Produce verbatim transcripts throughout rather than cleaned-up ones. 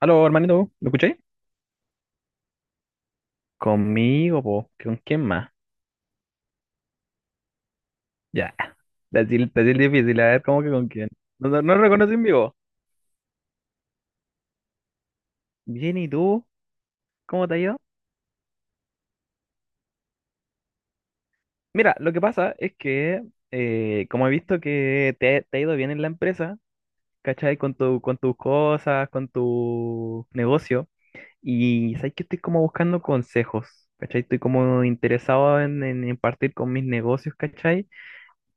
Aló, hermanito, ¿me escucháis? Conmigo, po. ¿Con quién más? Ya. Decir, decir difícil, a ver, ¿cómo que con quién? No, no, no reconoces mi voz. Bien, ¿y tú? ¿Cómo te ha ido? Mira, lo que pasa es que, eh, como he visto que te, te ha ido bien en la empresa, ¿cachai? Con tu, con tus cosas, con tu negocio. Y sabes que estoy como buscando consejos, ¿cachai? Estoy como interesado en, en impartir con mis negocios, ¿cachai?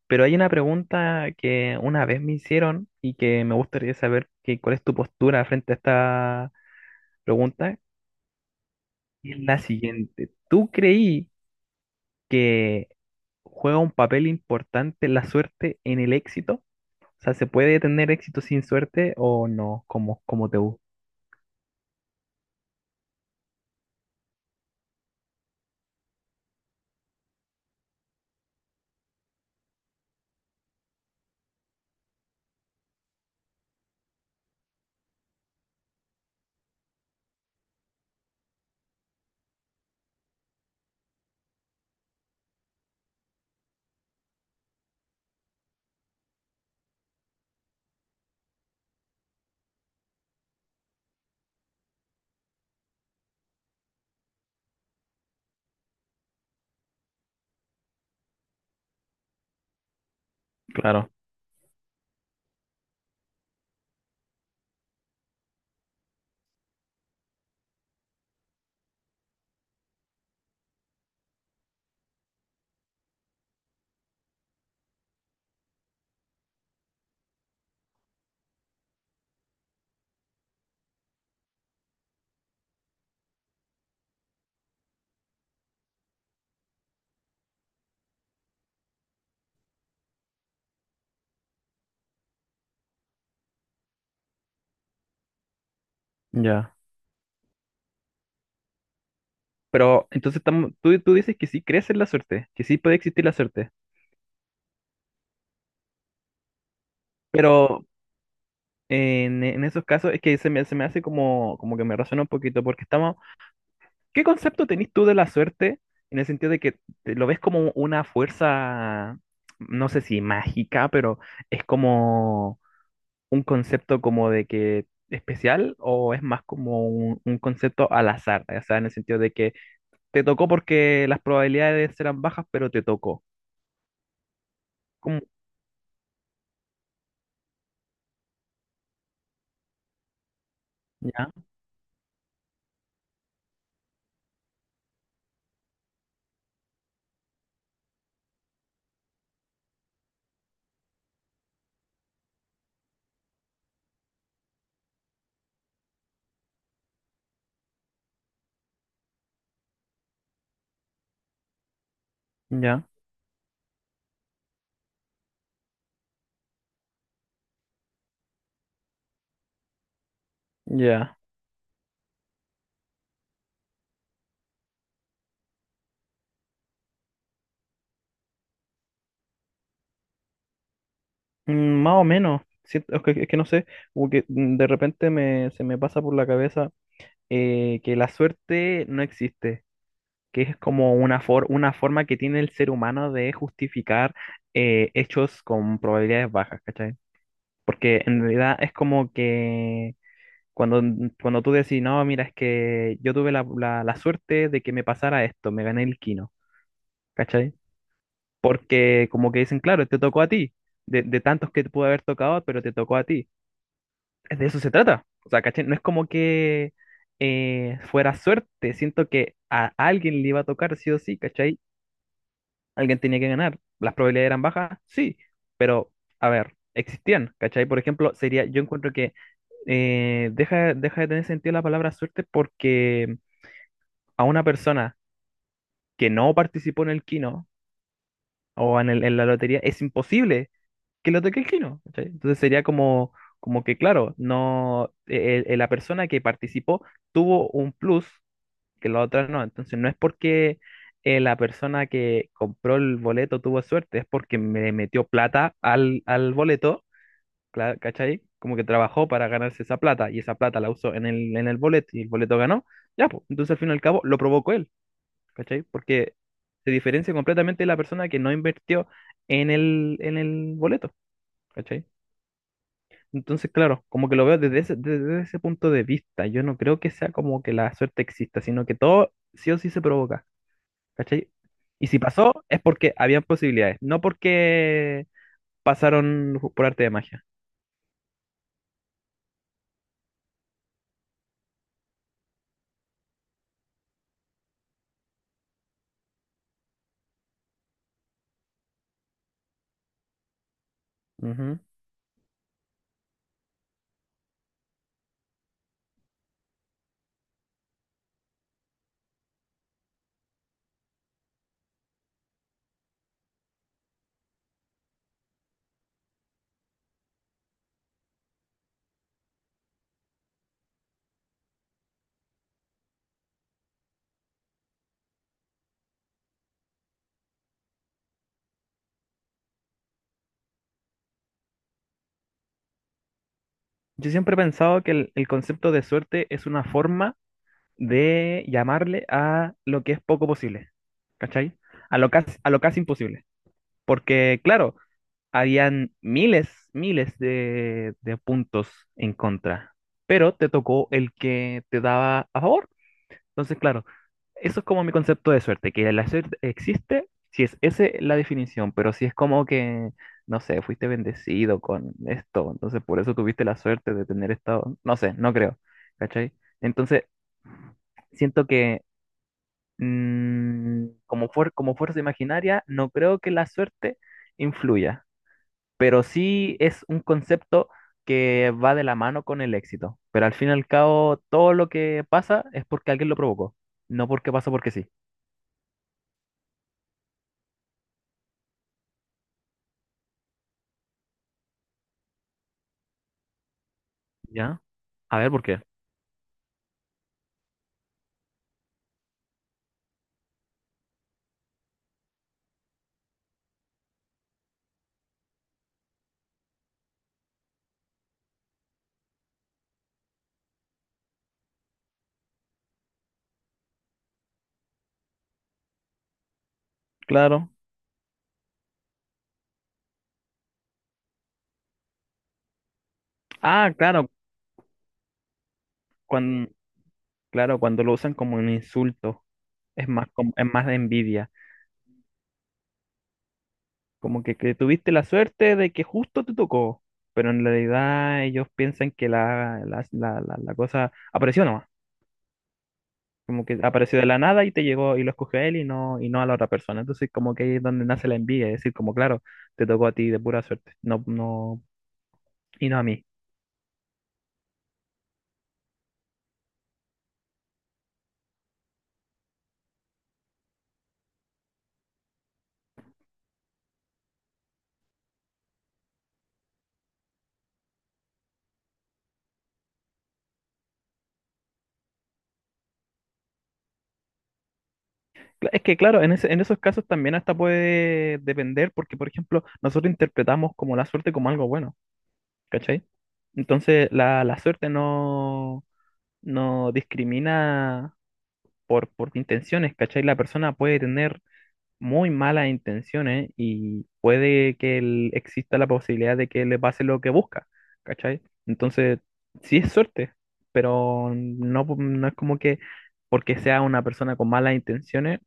Pero hay una pregunta que una vez me hicieron y que me gustaría saber que, cuál es tu postura frente a esta pregunta. Y es la siguiente. ¿Tú creí que juega un papel importante la suerte en el éxito? O sea, ¿se puede tener éxito sin suerte o no? Como, como te gusta. Claro, ya. Pero entonces estamos- tú, tú dices que sí crees en la suerte, que sí puede existir la suerte. Pero en, en esos casos es que se me, se me hace como, como que me razona un poquito porque estamos ¿Qué concepto tenés tú de la suerte en el sentido de que te- lo ves como una fuerza, no sé si mágica, pero es como un concepto como de que especial o es más como un, un concepto al azar? O sea, en el sentido de que te tocó porque las probabilidades eran bajas, pero te tocó. Como- Ya, ya, ya. Mm, más o menos. Siento- es que, es que no sé, como que mm, de repente me, se me pasa por la cabeza eh, que la suerte no existe, que es como una, for- una forma que tiene el ser humano de justificar eh, hechos con probabilidades bajas, ¿cachai? Porque en realidad es como que cuando, cuando tú decís, no, mira, es que yo tuve la, la- la suerte de que me pasara esto, me gané el quino, ¿cachai? Porque como que dicen, claro, te tocó a ti, de, de tantos que te pudo haber tocado, pero te tocó a ti. Es De eso se trata. O sea, ¿cachai? No es como que eh, fuera suerte, siento que a alguien le iba a tocar sí o sí, ¿cachai? Alguien tenía que ganar. ¿Las probabilidades eran bajas? Sí, pero a ver, existían, ¿cachai? Por ejemplo, sería, yo encuentro que eh, deja, deja de tener sentido la palabra suerte porque a una persona que no participó en el kino o en, el- en la lotería es imposible que lo toque el kino, ¿cachai? Entonces sería como, como que, claro, no, eh, eh, la persona que participó tuvo un plus que la otra no. Entonces no es porque eh, la persona que compró el boleto tuvo suerte, es porque me metió plata al, al boleto, cla- ¿cachai? Como que trabajó para ganarse esa plata y esa plata la usó en el, en el boleto y el boleto ganó. Ya, pues, entonces al fin y al cabo lo provocó él, ¿cachai? Porque se diferencia completamente de la persona que no invirtió en el, en el boleto, ¿cachai? Entonces, claro, como que lo veo desde ese, desde ese punto de vista. Yo no creo que sea como que la suerte exista, sino que todo sí o sí se provoca. ¿Cachai? Y si pasó, es porque habían posibilidades, no porque pasaron ju- por arte de magia. Ujú. Yo siempre he pensado que el, el concepto de suerte es una forma de llamarle a lo que es poco posible, ¿cachai? A lo casi, a lo casi imposible. Porque, claro, habían miles, miles de, de puntos en contra, pero te tocó el que te daba a favor. Entonces, claro, eso es como mi concepto de suerte, que la suerte existe, si es esa la definición, pero si es como que, no sé, fuiste bendecido con esto, entonces por eso tuviste la suerte de tener estado, no sé, no creo, ¿cachai? Entonces, siento que mm, como, fuer- como fuerza imaginaria, no creo que la suerte influya, pero sí es un concepto que va de la mano con el éxito, pero al fin y al cabo, todo lo que pasa es porque alguien lo provocó, no porque pasó porque sí. ¿Ya? A ver, ¿por qué? Claro. Ah, claro, cuando, claro, cuando lo usan como un insulto, es más, como, es más de envidia. Como que, que tuviste la suerte de que justo te tocó, pero en realidad ellos piensan que la, la, la, la, la cosa apareció nomás. Como que apareció de la nada y te llegó y lo escogió a él y no, y no a la otra persona. Entonces, como que ahí es donde nace la envidia, es decir, como claro, te tocó a ti de pura suerte, no, no, y no a mí. Cla- Es que claro, en ese- en esos casos también hasta puede depender, porque por ejemplo, nosotros interpretamos como la suerte como algo bueno, ¿cachai? Entonces la, la suerte no, no discrimina por, por intenciones, ¿cachai? La persona puede tener muy malas intenciones y puede que el- exista la posibilidad de que le pase lo que busca, ¿cachai? Entonces, sí es suerte, pero no, no es como que porque sea una persona con malas intenciones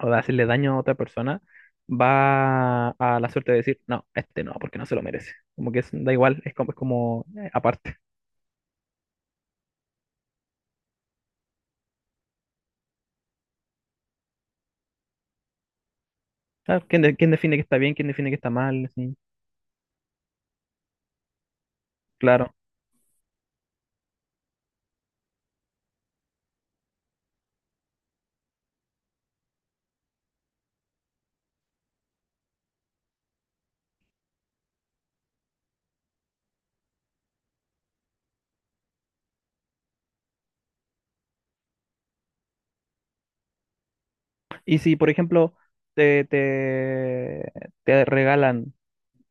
o de hacerle daño a otra persona, va a la suerte de decir, no, este no, porque no se lo merece. Como que es- da igual, es como, es como eh, aparte. Claro, ¿Quién, de- quién define que está bien, quién define que está mal? Así, claro. Y si, por ejemplo, te, te, te regalan,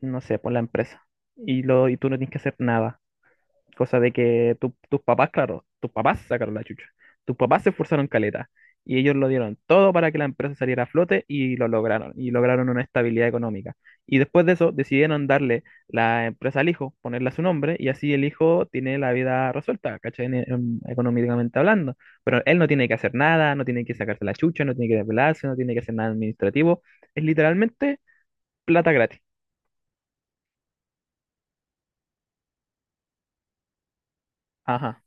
no sé, por la empresa y, lo, y tú no tienes que hacer nada. Cosa de que tu- tus papás, claro, tus papás sacaron la chucha. Tus papás se esforzaron caleta. Y ellos lo dieron todo para que la empresa saliera a flote y lo lograron. Y lograron una estabilidad económica. Y después de eso decidieron darle la empresa al hijo, ponerle a su nombre. Y así el hijo tiene la vida resuelta, ¿cachai? En- en- económicamente hablando. Pero él no tiene que hacer nada, no tiene que sacarse la chucha, no tiene que desvelarse, no tiene que hacer nada administrativo. Es literalmente plata gratis. Ajá.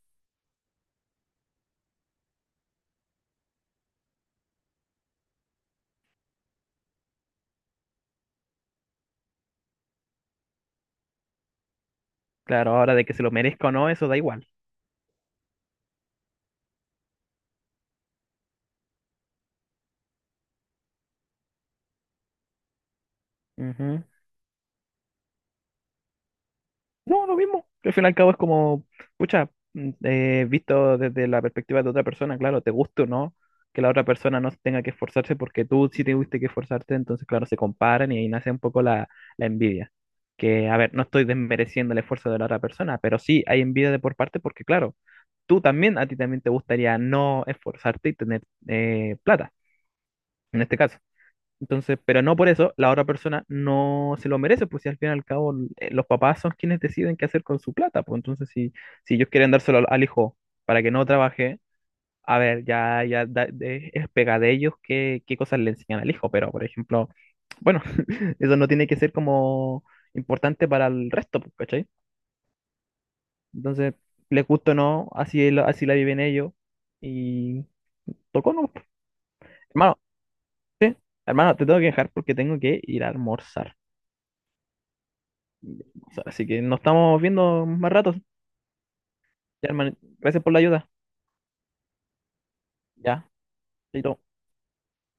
Claro, ahora de que se lo merezca o no, eso da igual. Ujú. No, lo mismo. Al fin y al cabo es como, pucha, mm, eh, visto desde la perspectiva de otra persona, claro, te guste o no, que la otra persona no tenga que esforzarse porque tú sí te tuviste que esforzarte, entonces, claro, se comparan y ahí nace un poco la, la envidia. Que, a ver, no estoy desmereciendo el esfuerzo de la otra persona, pero sí hay envidia de por parte porque, claro, tú también, a ti también te gustaría no esforzarte y tener eh, plata, en este caso. Entonces, pero no por eso, la otra persona no se lo merece, pues si al fin y al cabo eh, los papás son quienes deciden qué hacer con su plata, pues entonces si, si ellos quieren dárselo al, al hijo para que no trabaje, a ver, ya, ya da- de- es pega de ellos qué, qué cosas le enseñan al hijo, pero por ejemplo, bueno, eso no tiene que ser como importante para el resto, pues, ¿cachai? Entonces, les gusta o no, así, la- así la viven ellos y tocó no. Hermano, hermano, te tengo que dejar porque tengo que ir a almorzar. Así que nos estamos viendo más rato. Ya, hermano. Gracias por la ayuda. Ya, chaito.